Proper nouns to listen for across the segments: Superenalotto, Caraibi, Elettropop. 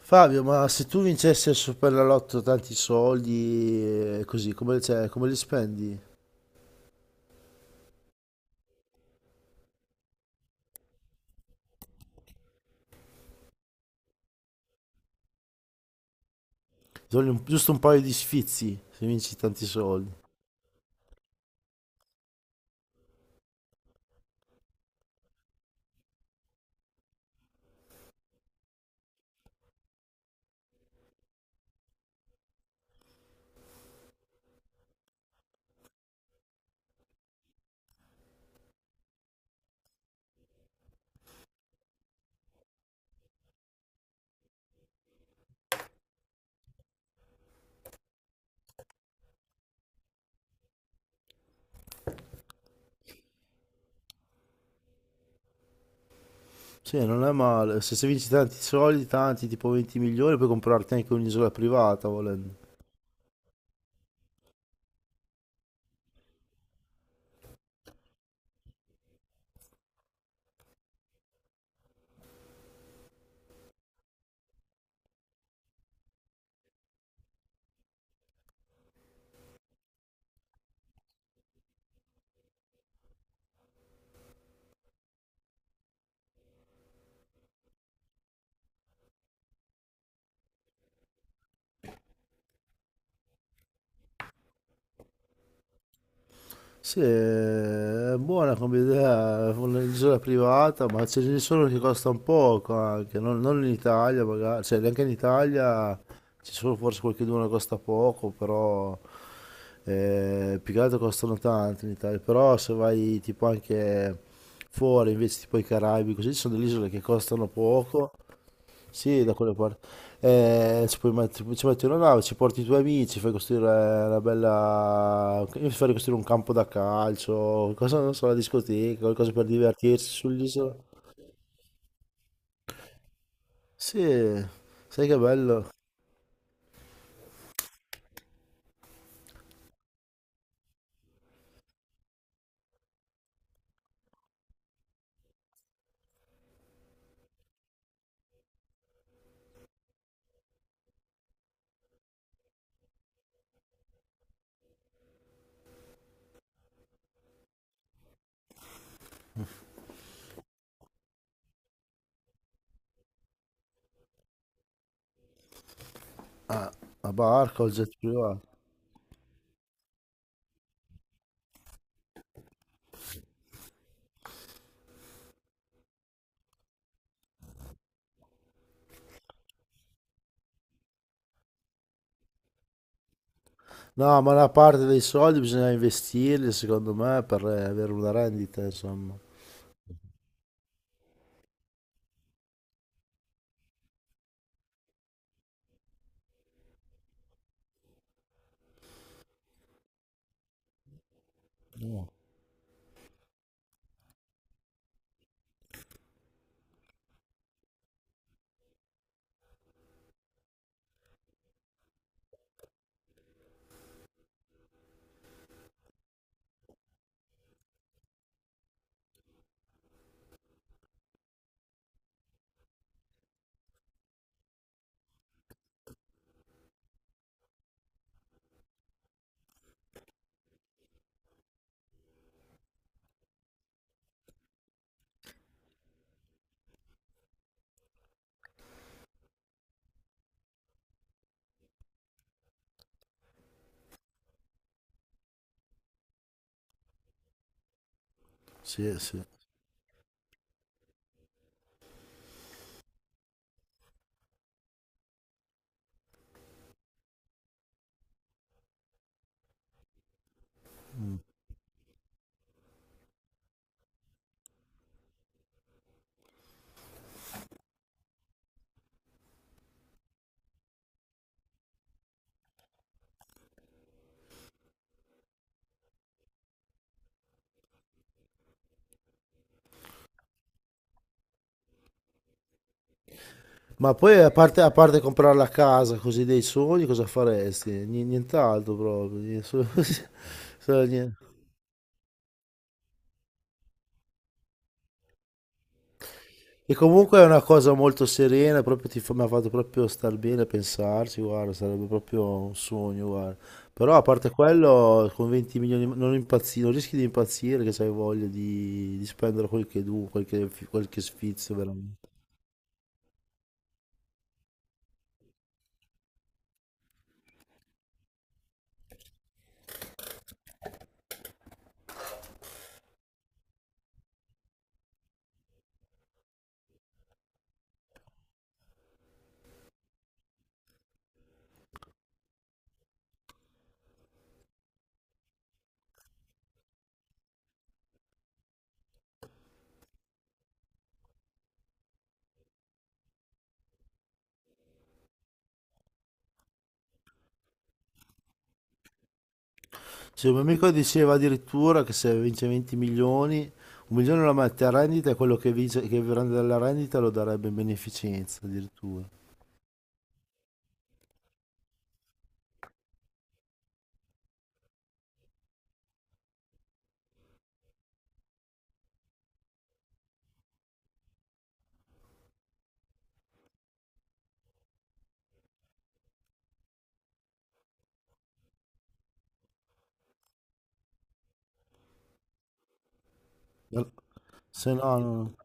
Fabio, ma se tu vincessi al Superenalotto tanti soldi, così, come, cioè, come li spendi? Ti voglio giusto un paio di sfizi se vinci tanti soldi. Sì, non è male. Se vinci tanti soldi, tanti, tipo 20 milioni, puoi comprarti anche un'isola privata volendo. Sì, è buona come idea, un'isola privata, ma ce ne sono che costano poco anche, non in Italia magari, cioè neanche in Italia. C'è solo forse qualcheduno che costa poco, però più che altro costano tanto in Italia. Però se vai tipo anche fuori, invece tipo i Caraibi, così ci sono delle isole che costano poco. Sì, da quelle parti. Ci metti una nave, ci porti i tuoi amici, fai costruire Io farei costruire un campo da calcio, qualcosa, non so, la discoteca, qualcosa per divertirsi sull'isola. Sì, sai che bello? A barca o il jet privato. No, ma una parte dei soldi bisogna investirli, secondo me, per avere una rendita, insomma. Sì, sì. Ma poi, a parte comprare la casa così dei sogni, cosa faresti? Nient'altro proprio. Solo niente. E comunque è una cosa molto serena, proprio mi ha fatto proprio star bene a pensarci, guarda, sarebbe proprio un sogno, guarda. Però a parte quello, con 20 milioni non rischi di impazzire che se hai voglia di spendere quel che du, quel che sfizio veramente. Se un mio amico diceva addirittura che se vince 20 milioni, un milione lo mette a rendita e quello che, vince, che prende dalla rendita lo darebbe in beneficenza addirittura. Al- Se no, no. No.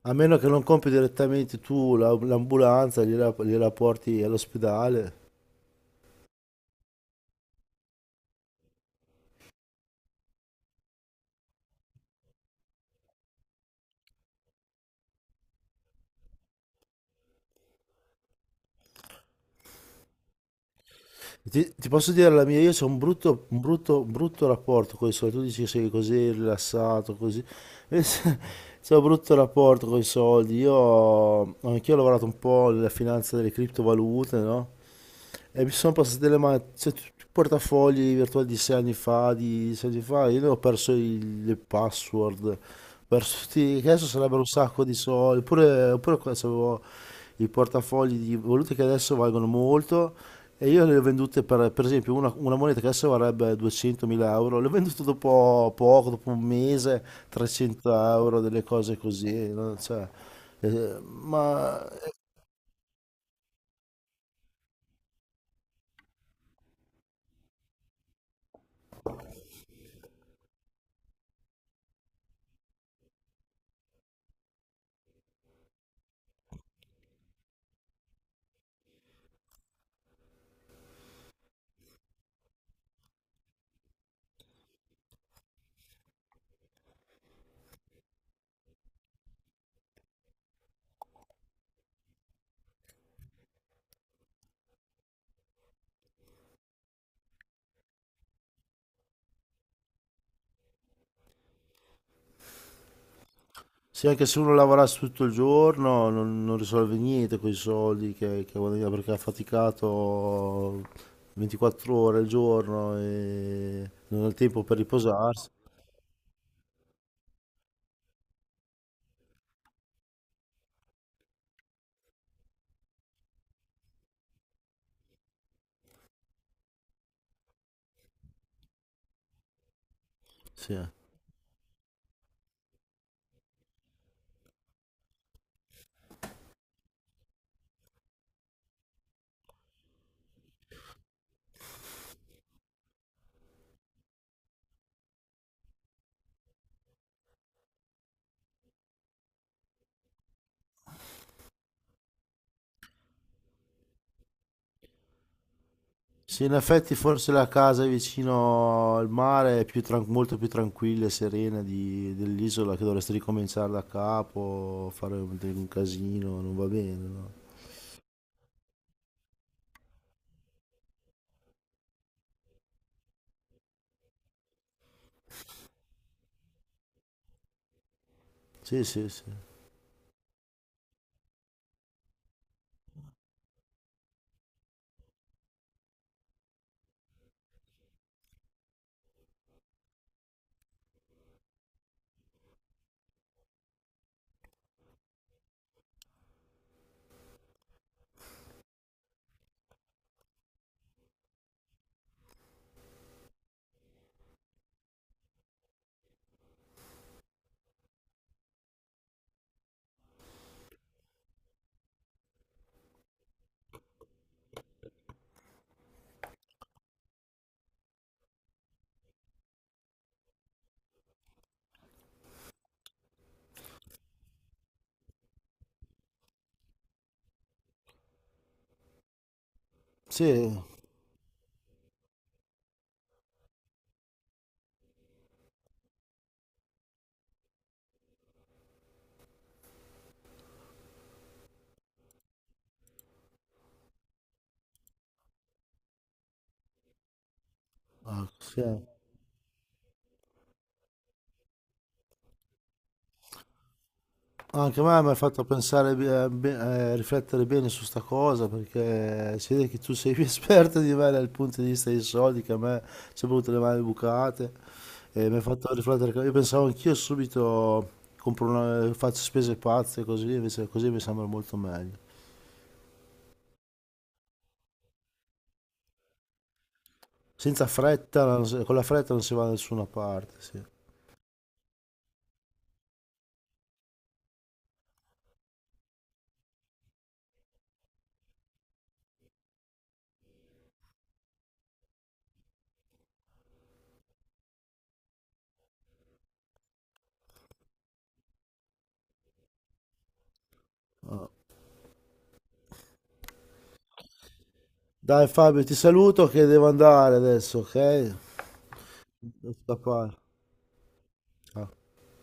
A meno che non compri direttamente tu l'ambulanza, gliela porti all'ospedale. Ti posso dire la mia, io ho un brutto rapporto con i soldi. Tu dici che sei così rilassato, così. C'è un brutto rapporto con i soldi. Io anch'io ho lavorato un po' nella finanza delle criptovalute, no? E mi sono passate le mani, cioè tutti i portafogli virtuali di 6 anni fa, io ne ho perso le password, perso tutti, che adesso sarebbero un sacco di soldi, oppure qua avevo i portafogli di valute che adesso valgono molto e io le ho vendute per esempio una moneta che adesso varrebbe 200.000 euro, le ho vendute dopo poco, dopo un mese, 300 euro, delle cose così, no? Cioè. eh, ma Sì, anche se uno lavorasse tutto il giorno non risolve niente con i soldi che guadagna perché ha faticato 24 ore al giorno e non ha il tempo per riposarsi. Sì. Sì, in effetti forse la casa vicino al mare è più molto più tranquilla e serena dell'isola che dovresti ricominciare da capo, fare un casino, non va bene, no? Sì, sì, sì. Sì, ah, sì. Anche a me mi hai fatto pensare, riflettere bene su sta cosa perché si vede che tu sei più esperto di me dal punto di vista dei soldi, che a me sono venute le mani bucate e mi hai fatto riflettere. Io pensavo anch'io subito faccio spese pazze così, invece così mi sembra molto meglio. Senza fretta, non si- con la fretta non si va da nessuna parte, sì. Ah. Dai Fabio, ti saluto che devo andare adesso, ok? Devo scappare. Ciao.